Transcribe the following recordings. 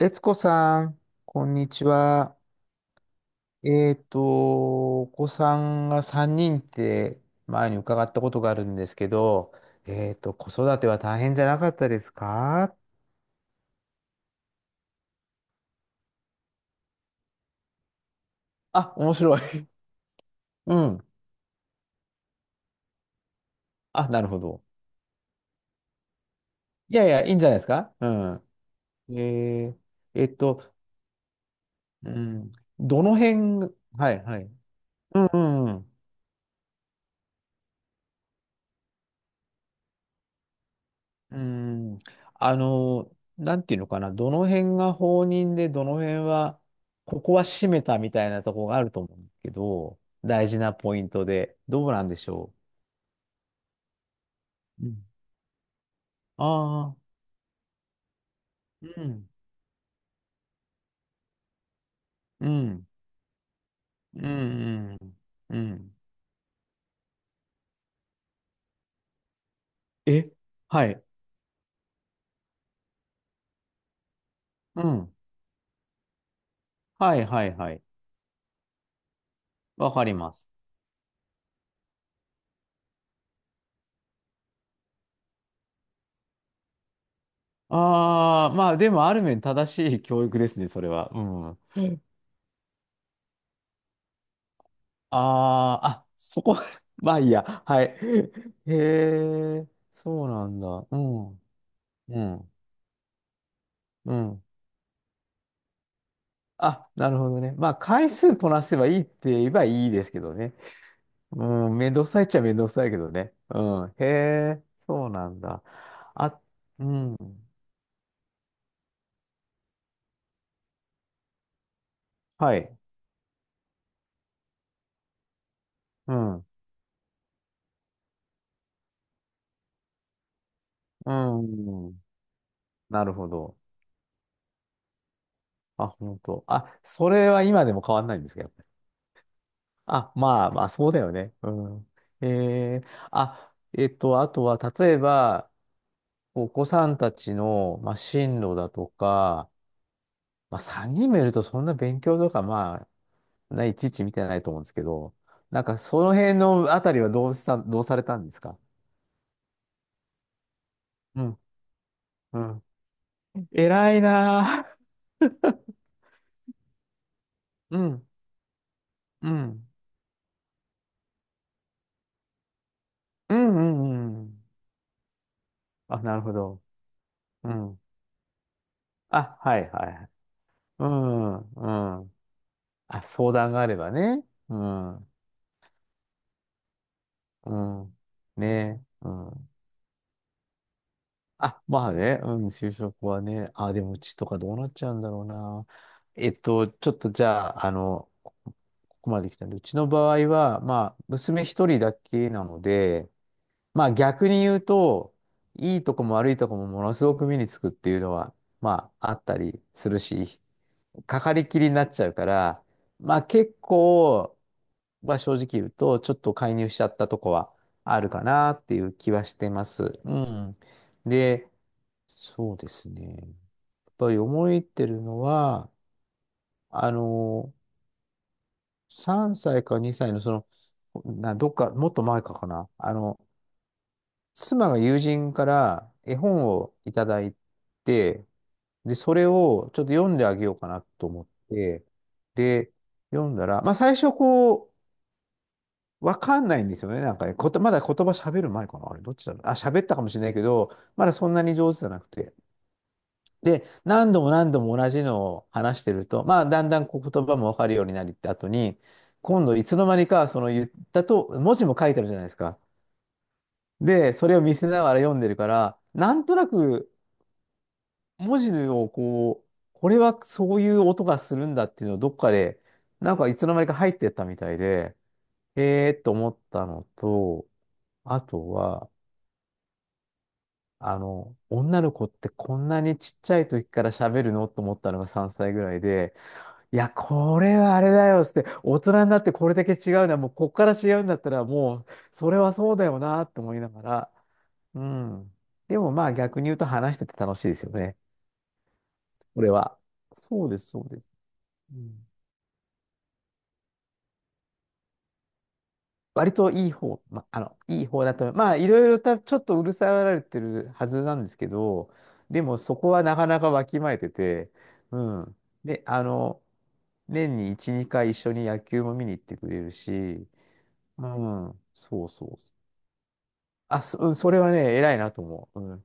悦子さん、こんにちは。お子さんが3人って前に伺ったことがあるんですけど、子育ては大変じゃなかったですか？あ、面白い。うん。あ、なるほど。いやいや、いいんじゃないですか。うん。えー。えっと、うん。どの辺、はい、はい。うん、うんうん。うーん、あの、なんていうのかな、どの辺が放任で、どの辺は、ここは閉めたみたいなところがあると思うんですけど、大事なポイントで、どうなんでしょう。うん、ああ、うん、うん、うん、うん、うん。え、はい、うん、はい、はい、はい、わかります。ああ、まあ、でも、ある面正しい教育ですね、それは。うん。あーあ、そこ まあいいや。はい。へえ、そうなんだ。うん。うん。うん。あ、なるほどね。まあ、回数こなせばいいって言えばいいですけどね。うん、めんどくさいっちゃめんどくさいけどね。うん。へえ、そうなんだ。あ、うん。はい。うん。うん。なるほど。あ、本当。あ、それは今でも変わんないんですか？あ、まあまあ、そうだよね。うん。えー、あ、あとは、例えば、お子さんたちの、まあ、進路だとか、まあ、3人もいると、そんな勉強とか、まあ、ない、ちいち見てないと思うんですけど、なんか、その辺のあたりはどうした、どうされたんですか？うん、うん。偉いなあ。 うん、うん、うん、うん、うん。あ、なるほど。うん。あ、はい、はい。はい。うん、うん。あ、相談があればね。うん。うん。ねえ。うん。あ、まあね。うん、就職はね。あ、でもうちとかどうなっちゃうんだろうな。ちょっとじゃあ、ここまで来たんで、うちの場合は、まあ、娘一人だけなので、まあ逆に言うと、いいとこも悪いとこもものすごく目につくっていうのは、まああったりするし、かかりきりになっちゃうから、まあ結構、は正直言うと、ちょっと介入しちゃったとこはあるかなっていう気はしてます。うん。で、そうですね。やっぱり思いってるのは、あの、3歳か2歳のその、な、どっか、もっと前かかな。妻が友人から絵本をいただいて、で、それをちょっと読んであげようかなと思って、で、読んだら、まあ最初こう、わかんないんですよね。なんかね、こと、まだ言葉喋る前かな。あれ、どっちだろう。あ、喋ったかもしれないけど、まだそんなに上手じゃなくて。で、何度も何度も同じのを話してると、まあ、だんだんこう言葉もわかるようになりって後に、今度いつの間にか、その言ったと、文字も書いてあるじゃないですか。で、それを見せながら読んでるから、なんとなく文字をこう、これはそういう音がするんだっていうのをどっかで、なんかいつの間にか入ってったみたいで、思ったのと、あとは、女の子ってこんなにちっちゃい時から喋るのと思ったのが3歳ぐらいで、いや、これはあれだよっつって、大人になってこれだけ違うのは、もうこっから違うんだったら、もう、それはそうだよなって思いながら、うん。でもまあ逆に言うと話してて楽しいですよね。これは。そうです、そうです。うん。割といい方、ま、いい方だと思う、まあ、いろいろた、ちょっとうるさがられてるはずなんですけど、でもそこはなかなかわきまえてて、うん。で、年に1、2回一緒に野球も見に行ってくれるし、うん、そうそうそう。あ、そ、うんそれはね、偉いなと思う。うん。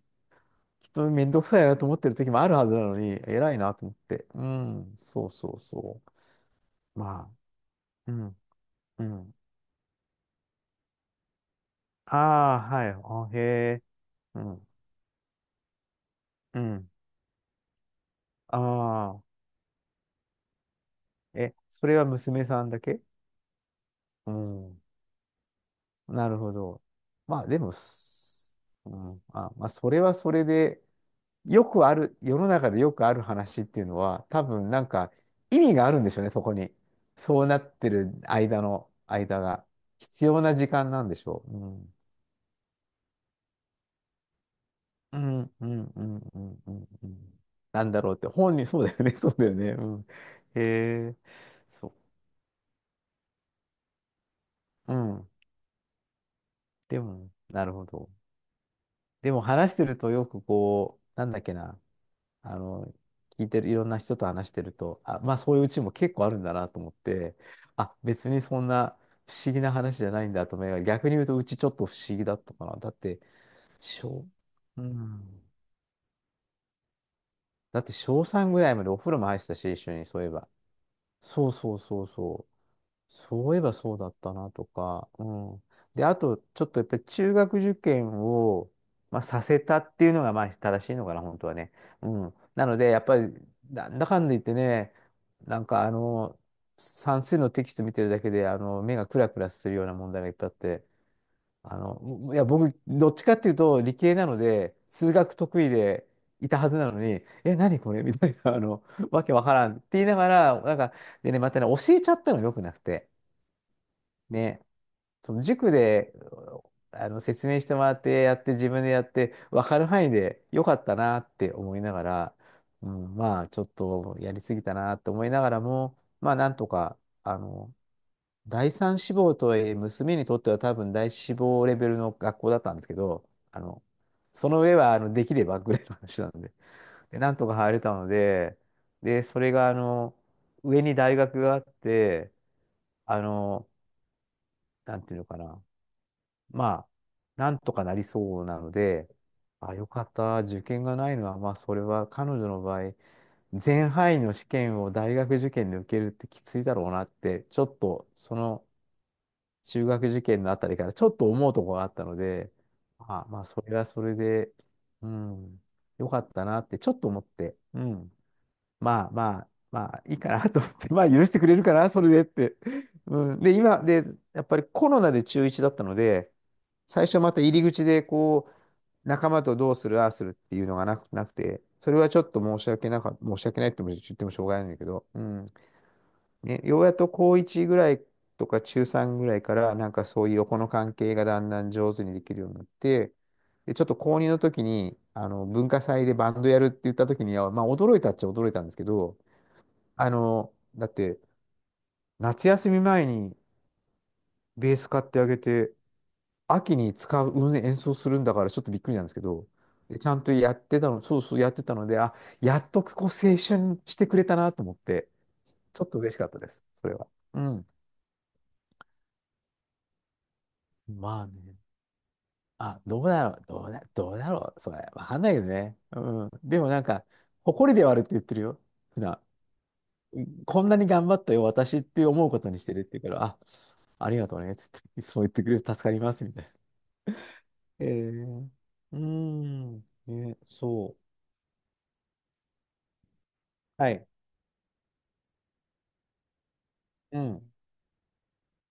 きっとめんどくさいなと思ってる時もあるはずなのに、偉いなと思って。うん、そうそうそう。まあ、うん、うん。ああ、はい。あ、へえ。うん、うん。ああ。え、それは娘さんだけ？うん。なるほど。まあでも、す、うん。あ、まあそれはそれで、よくある、世の中でよくある話っていうのは、多分なんか意味があるんでしょうね、そこに。そうなってる間の、間が。必要な時間なんでしょう。うん。うん、うん、うん、うん、うん。うん。なんだろうって、本人、そうだよね、そうだよね。うん。へえ、そう。うん。でも、なるほど。でも話してるとよくこう、なんだっけな、あの、聞いてる、いろんな人と話してると、あ、まあそういううちも結構あるんだなと思って、あ、別にそんな不思議な話じゃないんだと思いながら、逆に言うとうちちょっと不思議だったかな。だって、小、うん。だって小3ぐらいまでお風呂も入ってたし、一緒に、そういえば。そうそうそうそう。そういえばそうだったなとか、うん。で、あと、ちょっとやっぱり中学受験を、まあ、させたっていうのが、まあ、正しいのかな、本当はね。うん。なので、やっぱり、なんだかんだ言ってね、なんか、算数のテキスト見てるだけで、目がクラクラするような問題がいっぱいあって、いや、僕、どっちかっていうと、理系なので、数学得意でいたはずなのに、え、何これみたいな、わけわからんって言いながら、なんか、でね、またね、教えちゃったのよくなくて。ね、その塾であの説明してもらってやって自分でやって分かる範囲でよかったなって思いながら、うん、まあちょっとやりすぎたなって思いながらもまあなんとかあの第三志望とはいえ娘にとっては多分第一志望レベルの学校だったんですけどあのその上はあのできればぐらいの話なんで、でなんとか入れたのででそれがあの上に大学があってあのなんていうのかな、まあ、なんとかなりそうなので、あ、よかった。受験がないのは、まあ、それは彼女の場合、全範囲の試験を大学受験で受けるってきついだろうなって、ちょっとその中学受験のあたりからちょっと思うところがあったので、あ、まあ、それはそれで、うん、よかったなってちょっと思って、うん。まあまあ、まあいいかなと思って、まあ許してくれるかな、それでって。うん、で、今、で、やっぱりコロナで中1だったので、最初また入り口でこう、仲間とどうする、ああするっていうのがなく、なくて、それはちょっと申し訳なか、申し訳ないって言ってもしょうがないんだけど、うん。ね、ようやっと高1ぐらいとか中3ぐらいから、なんかそういう横の関係がだんだん上手にできるようになって、で、ちょっと高2の時に、文化祭でバンドやるって言った時には、まあ驚いたっちゃ驚いたんですけど、だって、夏休み前にベース買ってあげて、秋に使う、うん演奏するんだからちょっとびっくりなんですけど、でちゃんとやってたの、そうそうやってたので、あ、やっとこう青春してくれたなと思って、ちょっと嬉しかったです、それは。うん。まあね。あ、どうだろう、どうだ、どうだろう、それ。わかんないけどね。うん。でもなんか、誇りではあるって言ってるよ。普段。こんなに頑張ったよ、私って思うことにしてるって言うから、あ、ありがとうね、つって、そう言ってくれる、助かります、みたいな。えー、うーん、ね、そう。はい。うん。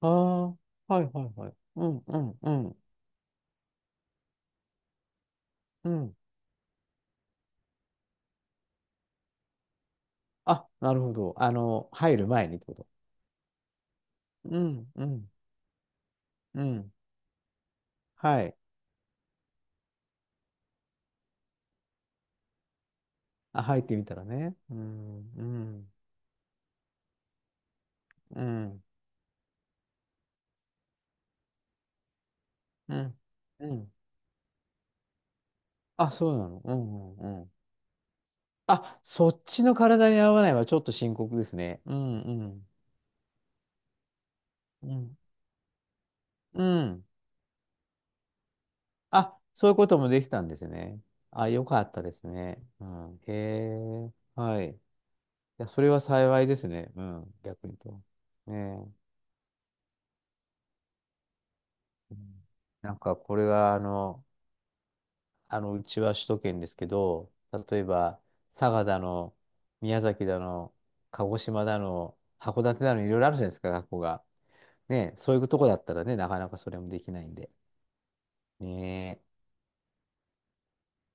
ああ、はいはいはい。うん、うん、うん、うん。あ、なるほど。入る前にってこと。うん、うん、うん。はい。あ、入ってみたらね。うん、うん、うん、うん、うん。あ、そうなの。うん、うん、うん。あ、そっちの体に合わないはちょっと深刻ですね。うん、うん、うん、うん。あ、そういうこともできたんですね。あ、よかったですね。うん。へえ、はい。いや、それは幸いですね。うん。逆にと。ねえ。うん。なんか、これは、うちは首都圏ですけど、例えば、佐賀だの、宮崎だの、鹿児島だの、函館だの、いろいろあるじゃないですか、学校が。ねえ、そういうとこだったらね、なかなかそれもできないんで。ねえ。